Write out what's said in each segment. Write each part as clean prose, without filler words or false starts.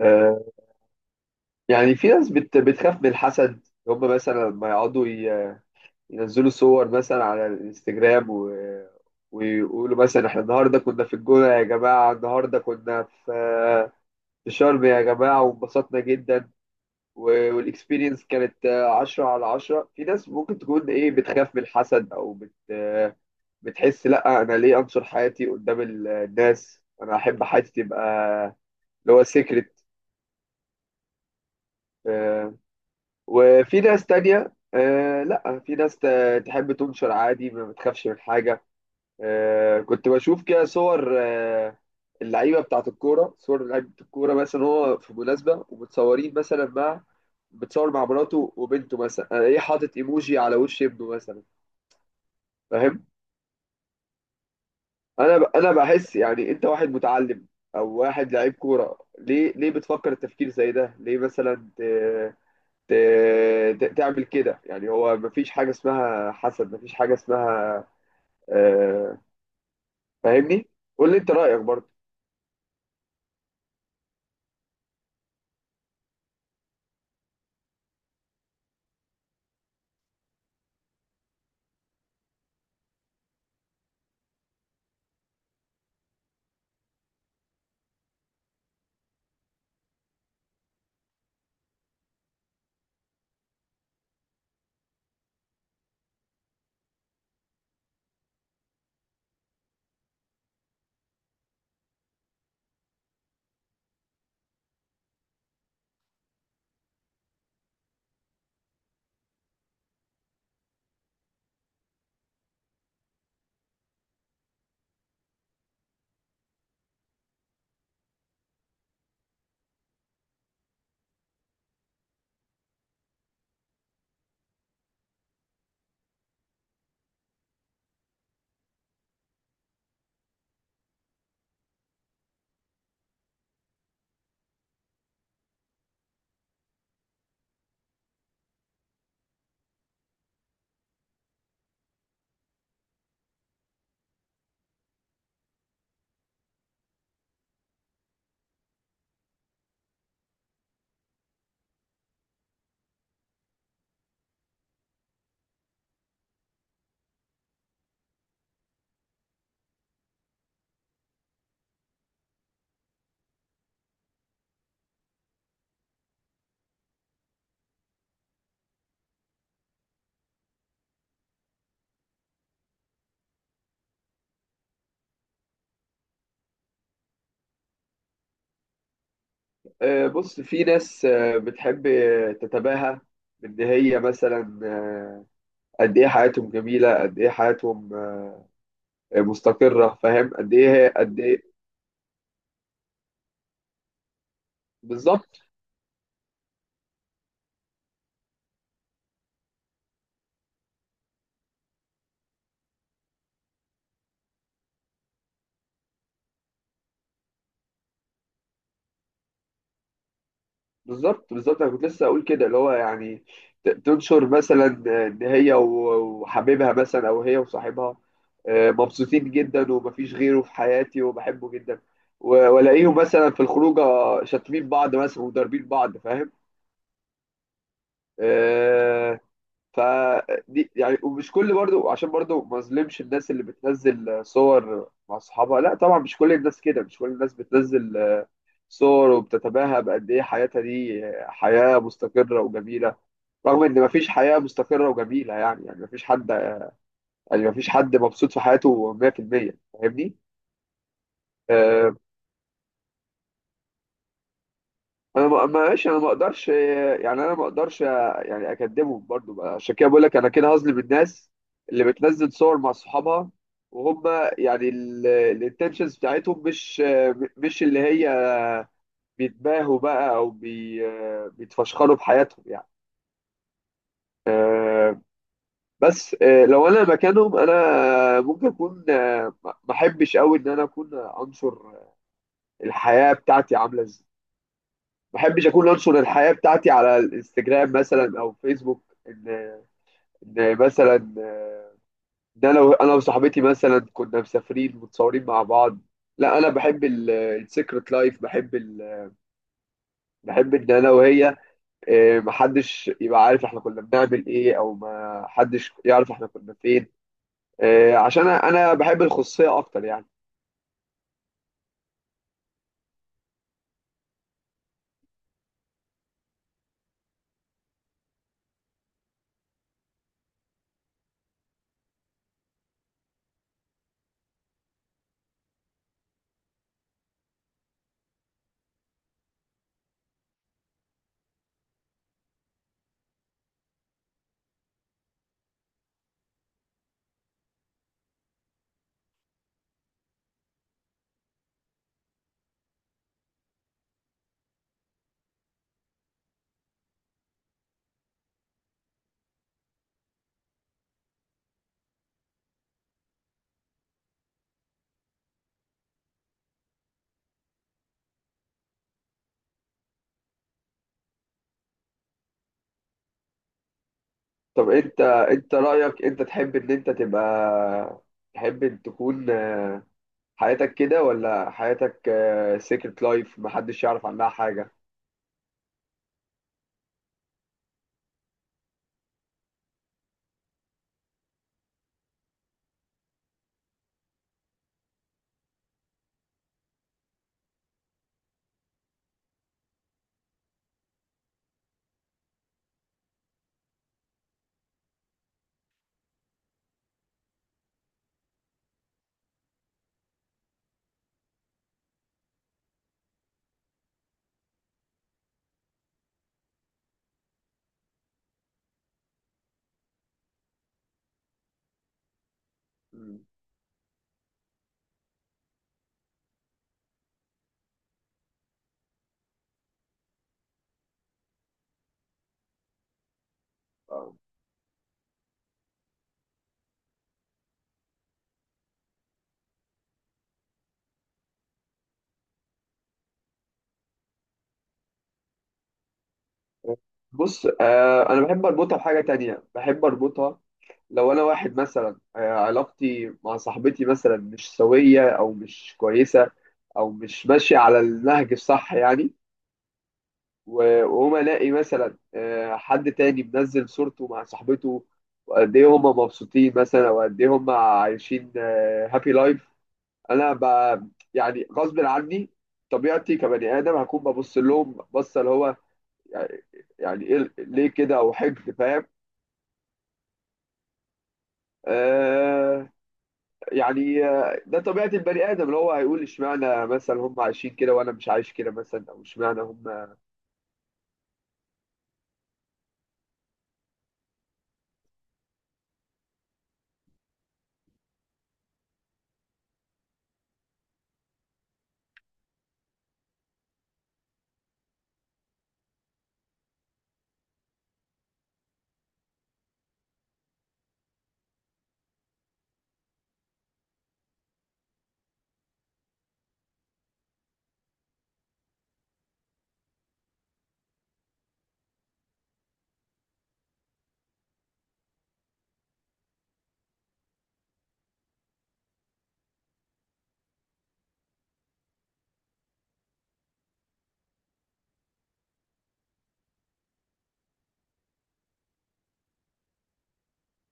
آه، يعني في ناس بتخاف من الحسد، هم مثلا لما يقعدوا ينزلوا صور مثلا على الانستجرام ويقولوا مثلا احنا النهارده كنا في الجونة يا جماعة، النهارده كنا في شرم يا جماعة وانبسطنا جدا، والاكسبيرينس كانت عشرة على عشرة. في ناس ممكن تكون ايه بتخاف من الحسد او بت آه، بتحس لا انا ليه انشر حياتي قدام الناس، انا احب حياتي تبقى اللي هو سيكريت. وفي ناس تانية آه لا، في ناس تحب تنشر عادي، ما بتخافش من حاجة. آه كنت بشوف كده صور اللعيبة بتاعة الكورة، صور لعيبة الكورة مثلا، هو في مناسبة ومتصورين مثلا مع مع مراته وبنته مثلا، ايه حاطط ايموجي على وش ابنه مثلا، فاهم؟ انا بحس يعني انت واحد متعلم او واحد لعيب كورة، ليه، ليه بتفكر التفكير زي ده؟ ليه مثلا تعمل كده؟ يعني هو مفيش حاجة اسمها حسد، مفيش حاجة اسمها آه، فاهمني؟ قول لي انت رأيك برضه. بص، في ناس بتحب تتباهى بان هي مثلا قد ايه حياتهم جميلة، قد ايه حياتهم مستقرة، فاهم؟ قد ايه، قد ايه. بالظبط، بالظبط، بالظبط، انا كنت لسه اقول كده، اللي هو يعني تنشر مثلا ان هي وحبيبها مثلا، او هي وصاحبها، مبسوطين جدا ومفيش غيره في حياتي وبحبه جدا، والاقيهم مثلا في الخروجه شاتمين بعض مثلا وضاربين بعض، فاهم؟ آه، فدي يعني، ومش كل برضو، عشان برضو ما اظلمش الناس اللي بتنزل صور مع اصحابها. لا طبعا، مش كل الناس كده، مش كل الناس بتنزل صور وبتتباهى بقد إيه حياتها دي حياة مستقرة وجميلة، رغم إن مفيش حياة مستقرة وجميلة. يعني يعني مفيش حد، يعني مفيش حد مبسوط في حياته 100%، فاهمني؟ آه، أنا ماشي، أنا ما أقدرش يعني، أنا ما أقدرش يعني أكدبهم برضو بقى. عشان كده بقول لك أنا كده هظلم الناس اللي بتنزل صور مع صحابها وهم يعني الانتنشنز بتاعتهم مش، مش اللي هي بيتباهوا بقى او بيتفشخروا بحياتهم يعني. آه، بس لو انا مكانهم، انا ممكن اكون ما احبش قوي ان انا اكون انشر الحياه بتاعتي عامله ازاي. ما احبش اكون انشر الحياه بتاعتي على الانستجرام مثلا او فيسبوك ان مثلا ان انا انا وصاحبتي مثلا كنا مسافرين متصورين مع بعض. لا، انا بحب السيكرت لايف، بحب ان انا وهي محدش يبقى عارف احنا كنا بنعمل ايه، او ما حدش يعرف احنا كنا فين، عشان انا، أنا بحب الخصوصيه اكتر يعني. طب انت، انت رأيك، انت تحب ان انت تبقى، تحب ان تكون حياتك كده ولا حياتك سيكرت لايف محدش يعرف عنها حاجة؟ مم. آه. بص، انا بحب اربطها بحاجة تانية، بحب اربطها، لو انا واحد مثلا علاقتي مع صاحبتي مثلا مش سوية او مش كويسة، او مش ماشية على النهج الصح يعني، واقوم الاقي مثلا حد تاني منزل صورته مع صاحبته وقد ايه هم مبسوطين مثلا، وقد ايه هم عايشين هابي لايف، انا ب... يعني غصب عني، طبيعتي كبني ادم، هكون ببص لهم بصه اللي هو يعني، يعني ايه ليه كده، او حقد، فاهم؟ آه، يعني ده طبيعه البني ادم، اللي هو هيقول اشمعنى مثلا هم عايشين كده وانا مش عايش كده مثلا، او اشمعنى هم.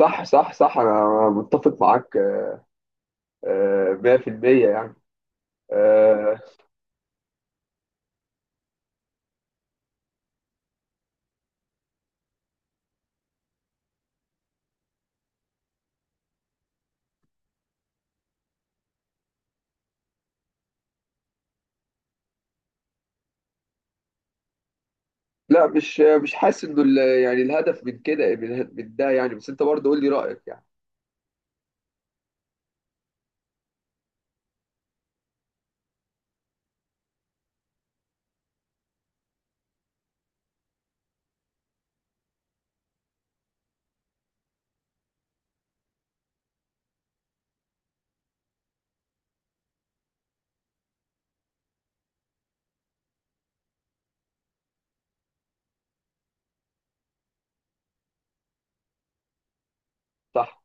صح، صح، صح، انا متفق معاك 100% يعني. آه، لا مش، مش حاسس انه يعني الهدف من كده، من ده يعني، بس انت برضه قول لي رايك يعني. صح